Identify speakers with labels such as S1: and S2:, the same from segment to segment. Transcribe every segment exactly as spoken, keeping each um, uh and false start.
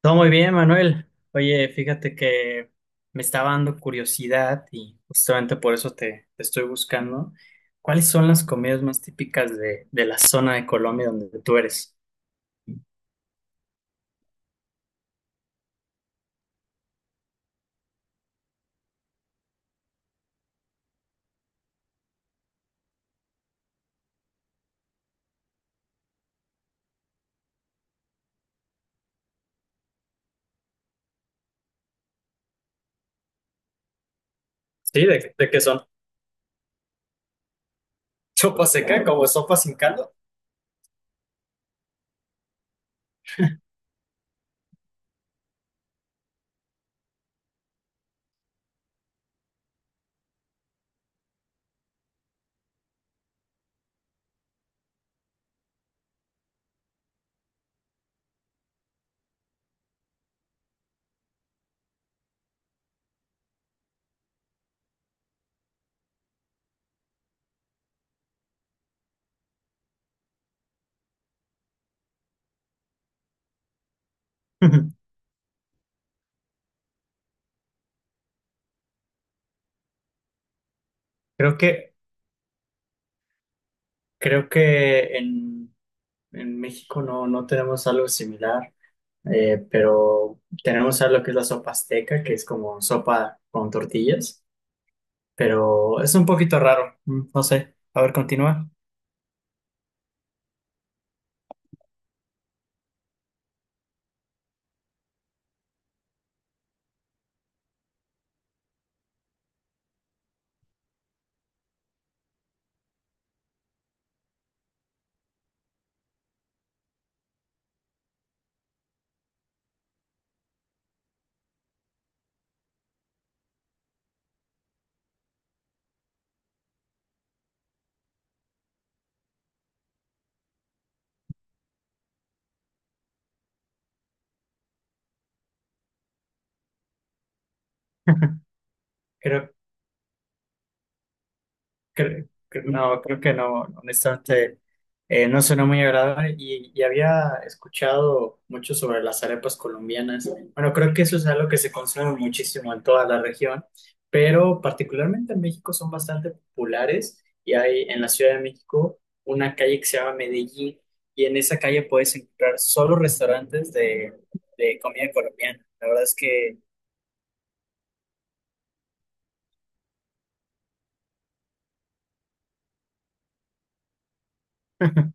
S1: Todo muy bien, Manuel. Oye, fíjate que me estaba dando curiosidad y justamente por eso te, te estoy buscando. ¿Cuáles son las comidas más típicas de, de la zona de Colombia donde tú eres? Sí, ¿de, de qué son? ¿Sopa seca como sopa sin caldo? Creo que, creo que en, en México no, no tenemos algo similar, eh, pero tenemos algo que es la sopa azteca, que es como sopa con tortillas. Pero es un poquito raro, mm, no sé. A ver, continúa. Creo que no, creo que no, honestamente, eh, no suena muy agradable y, y había escuchado mucho sobre las arepas colombianas. Bueno, creo que eso es algo que se consume muchísimo en toda la región, pero particularmente en México son bastante populares y hay en la Ciudad de México una calle que se llama Medellín y en esa calle puedes encontrar solo restaurantes de, de comida colombiana. La verdad es que...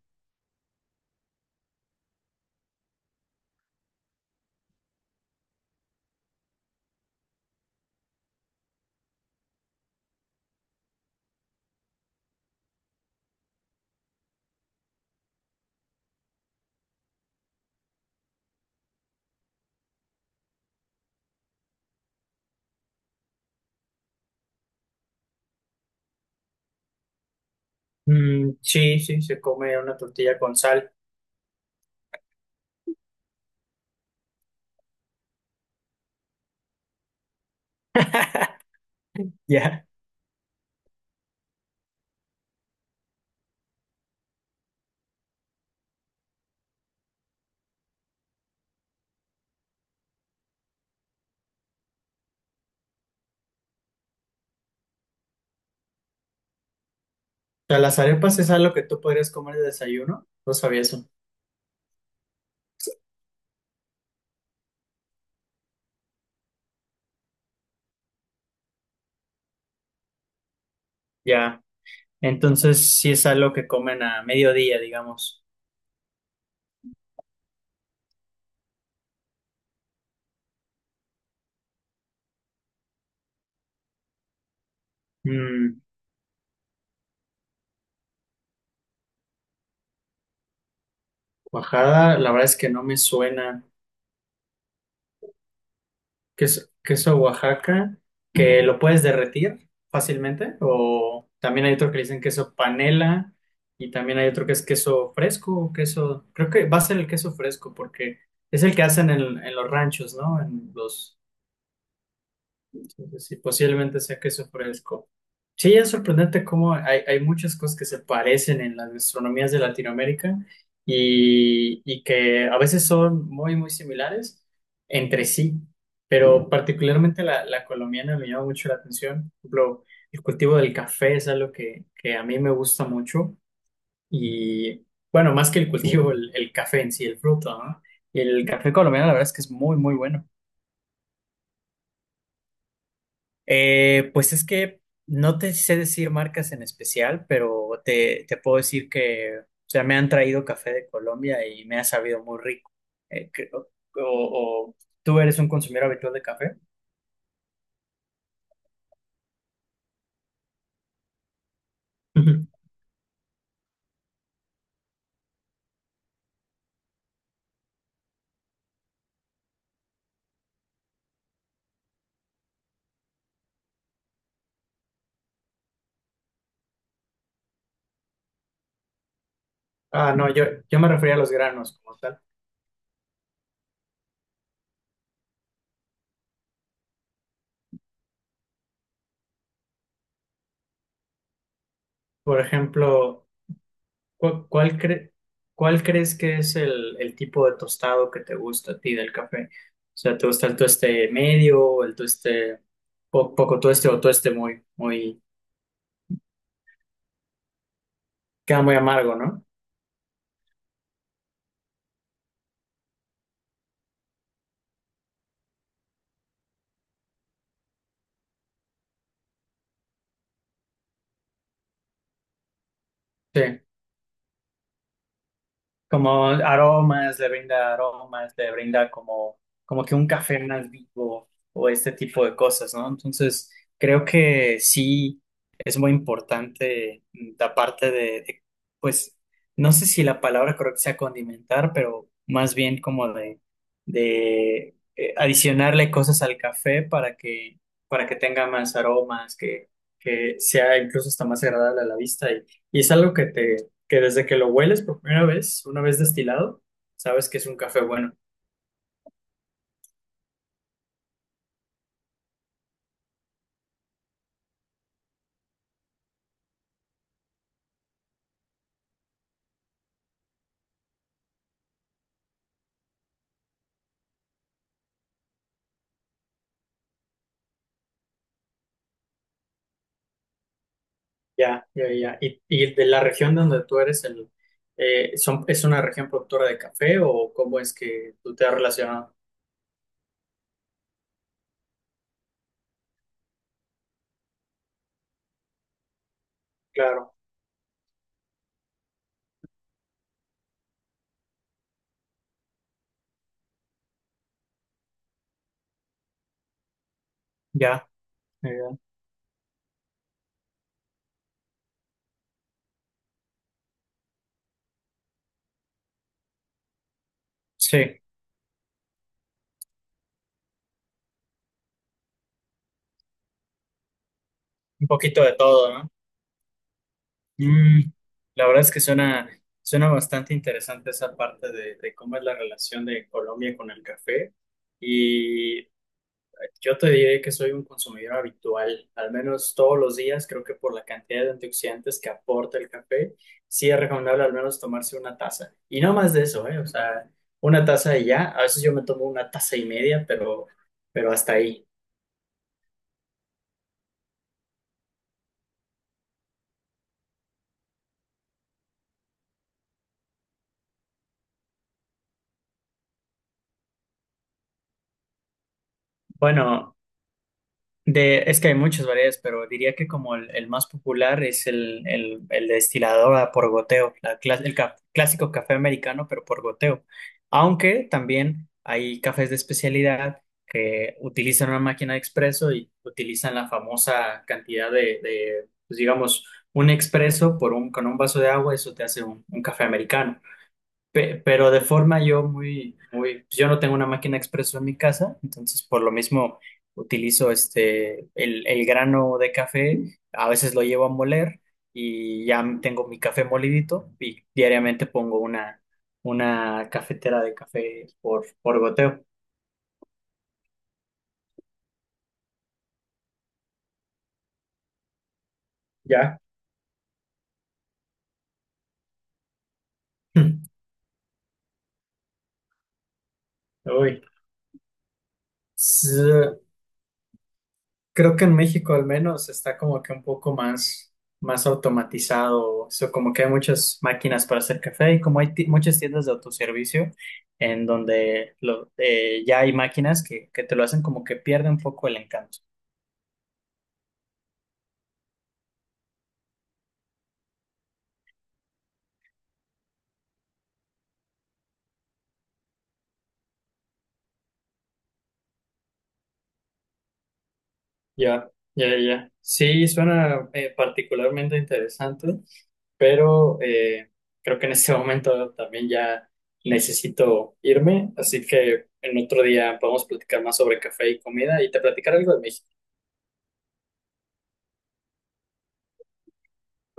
S1: Mm, sí, sí, se come una tortilla con sal. Ya. O sea, las arepas es algo que tú podrías comer de desayuno. No sabía eso. Ya. Entonces, sí es algo que comen a mediodía, digamos. Mm, Oaxaca, la verdad es que no me suena. ¿Queso, queso Oaxaca? ¿Que lo puedes derretir fácilmente? O también hay otro que le dicen queso panela. Y también hay otro que es queso fresco, o queso. Creo que va a ser el queso fresco porque es el que hacen en, en los ranchos, ¿no? En los... Entonces, sí, posiblemente sea queso fresco. Sí, es sorprendente cómo hay, hay muchas cosas que se parecen en las gastronomías de Latinoamérica y, y que a veces son muy, muy similares entre sí, pero particularmente la, la colombiana me llama mucho la atención. Por ejemplo, el cultivo del café es algo que, que a mí me gusta mucho y, bueno, más que el cultivo, el, el café en sí, el fruto, ¿no? Y el café colombiano la verdad es que es muy, muy bueno. Eh, pues es que no te sé decir marcas en especial, pero te, te puedo decir que, o sea, me han traído café de Colombia y me ha sabido muy rico. Eh, que- o, o- ¿Tú eres un consumidor habitual de café? Ujú. Ah, no, yo, yo me refería a los granos como tal. Por ejemplo, ¿cu- ¿cuál, cre- cuál crees que es el, el tipo de tostado que te gusta a ti del café? O sea, ¿te gusta el tueste medio, el tueste po- poco tueste o tueste muy, muy, queda muy amargo, ¿no? Sí, como aromas, le brinda aromas, le brinda como, como que un café más vivo o este tipo de cosas, ¿no? Entonces, creo que sí es muy importante mm, la parte de, de, pues, no sé si la palabra correcta sea condimentar, pero más bien como de, de eh, adicionarle cosas al café para que, para que tenga más aromas, que, que sea incluso hasta más agradable a la vista y, y es algo que te que desde que lo hueles por primera vez, una vez destilado, sabes que es un café bueno. Ya, ya, ya. ¿Y, y de la región donde tú eres, el, eh, son, es una región productora de café o cómo es que tú te has relacionado? Claro, ya, ya, ya. Sí, un poquito de todo, ¿no? Mm, la verdad es que suena, suena bastante interesante esa parte de, de cómo es la relación de Colombia con el café. Y yo te diré que soy un consumidor habitual, al menos todos los días, creo que por la cantidad de antioxidantes que aporta el café, sí es recomendable al menos tomarse una taza. Y no más de eso, ¿eh? O sea, una taza y ya. A veces yo me tomo una taza y media, pero, pero hasta ahí. Bueno, de, es que hay muchas variedades, pero diría que como el, el más popular es el, el, el destilador a por goteo, la clas- el ca- clásico café americano, pero por goteo. Aunque también hay cafés de especialidad que utilizan una máquina de expreso y utilizan la famosa cantidad de, de, pues digamos, un expreso por un, con un vaso de agua, eso te hace un, un café americano. Pe- pero de forma yo muy, muy, pues yo no tengo una máquina expreso en mi casa, entonces por lo mismo utilizo este, el, el grano de café, a veces lo llevo a moler y ya tengo mi café molidito y diariamente pongo una, una cafetera de café por, por goteo. Ya. Uy. Creo que en México al menos está como que un poco más, más automatizado, o sea, como que hay muchas máquinas para hacer café y como hay ti- muchas tiendas de autoservicio en donde lo- eh, ya hay máquinas que, que te lo hacen como que pierde un poco el encanto. Ya, ya, ya. Sí, suena eh, particularmente interesante, pero eh, creo que en este momento también ya necesito irme, así que en otro día podemos platicar más sobre café y comida y te platicaré algo de México.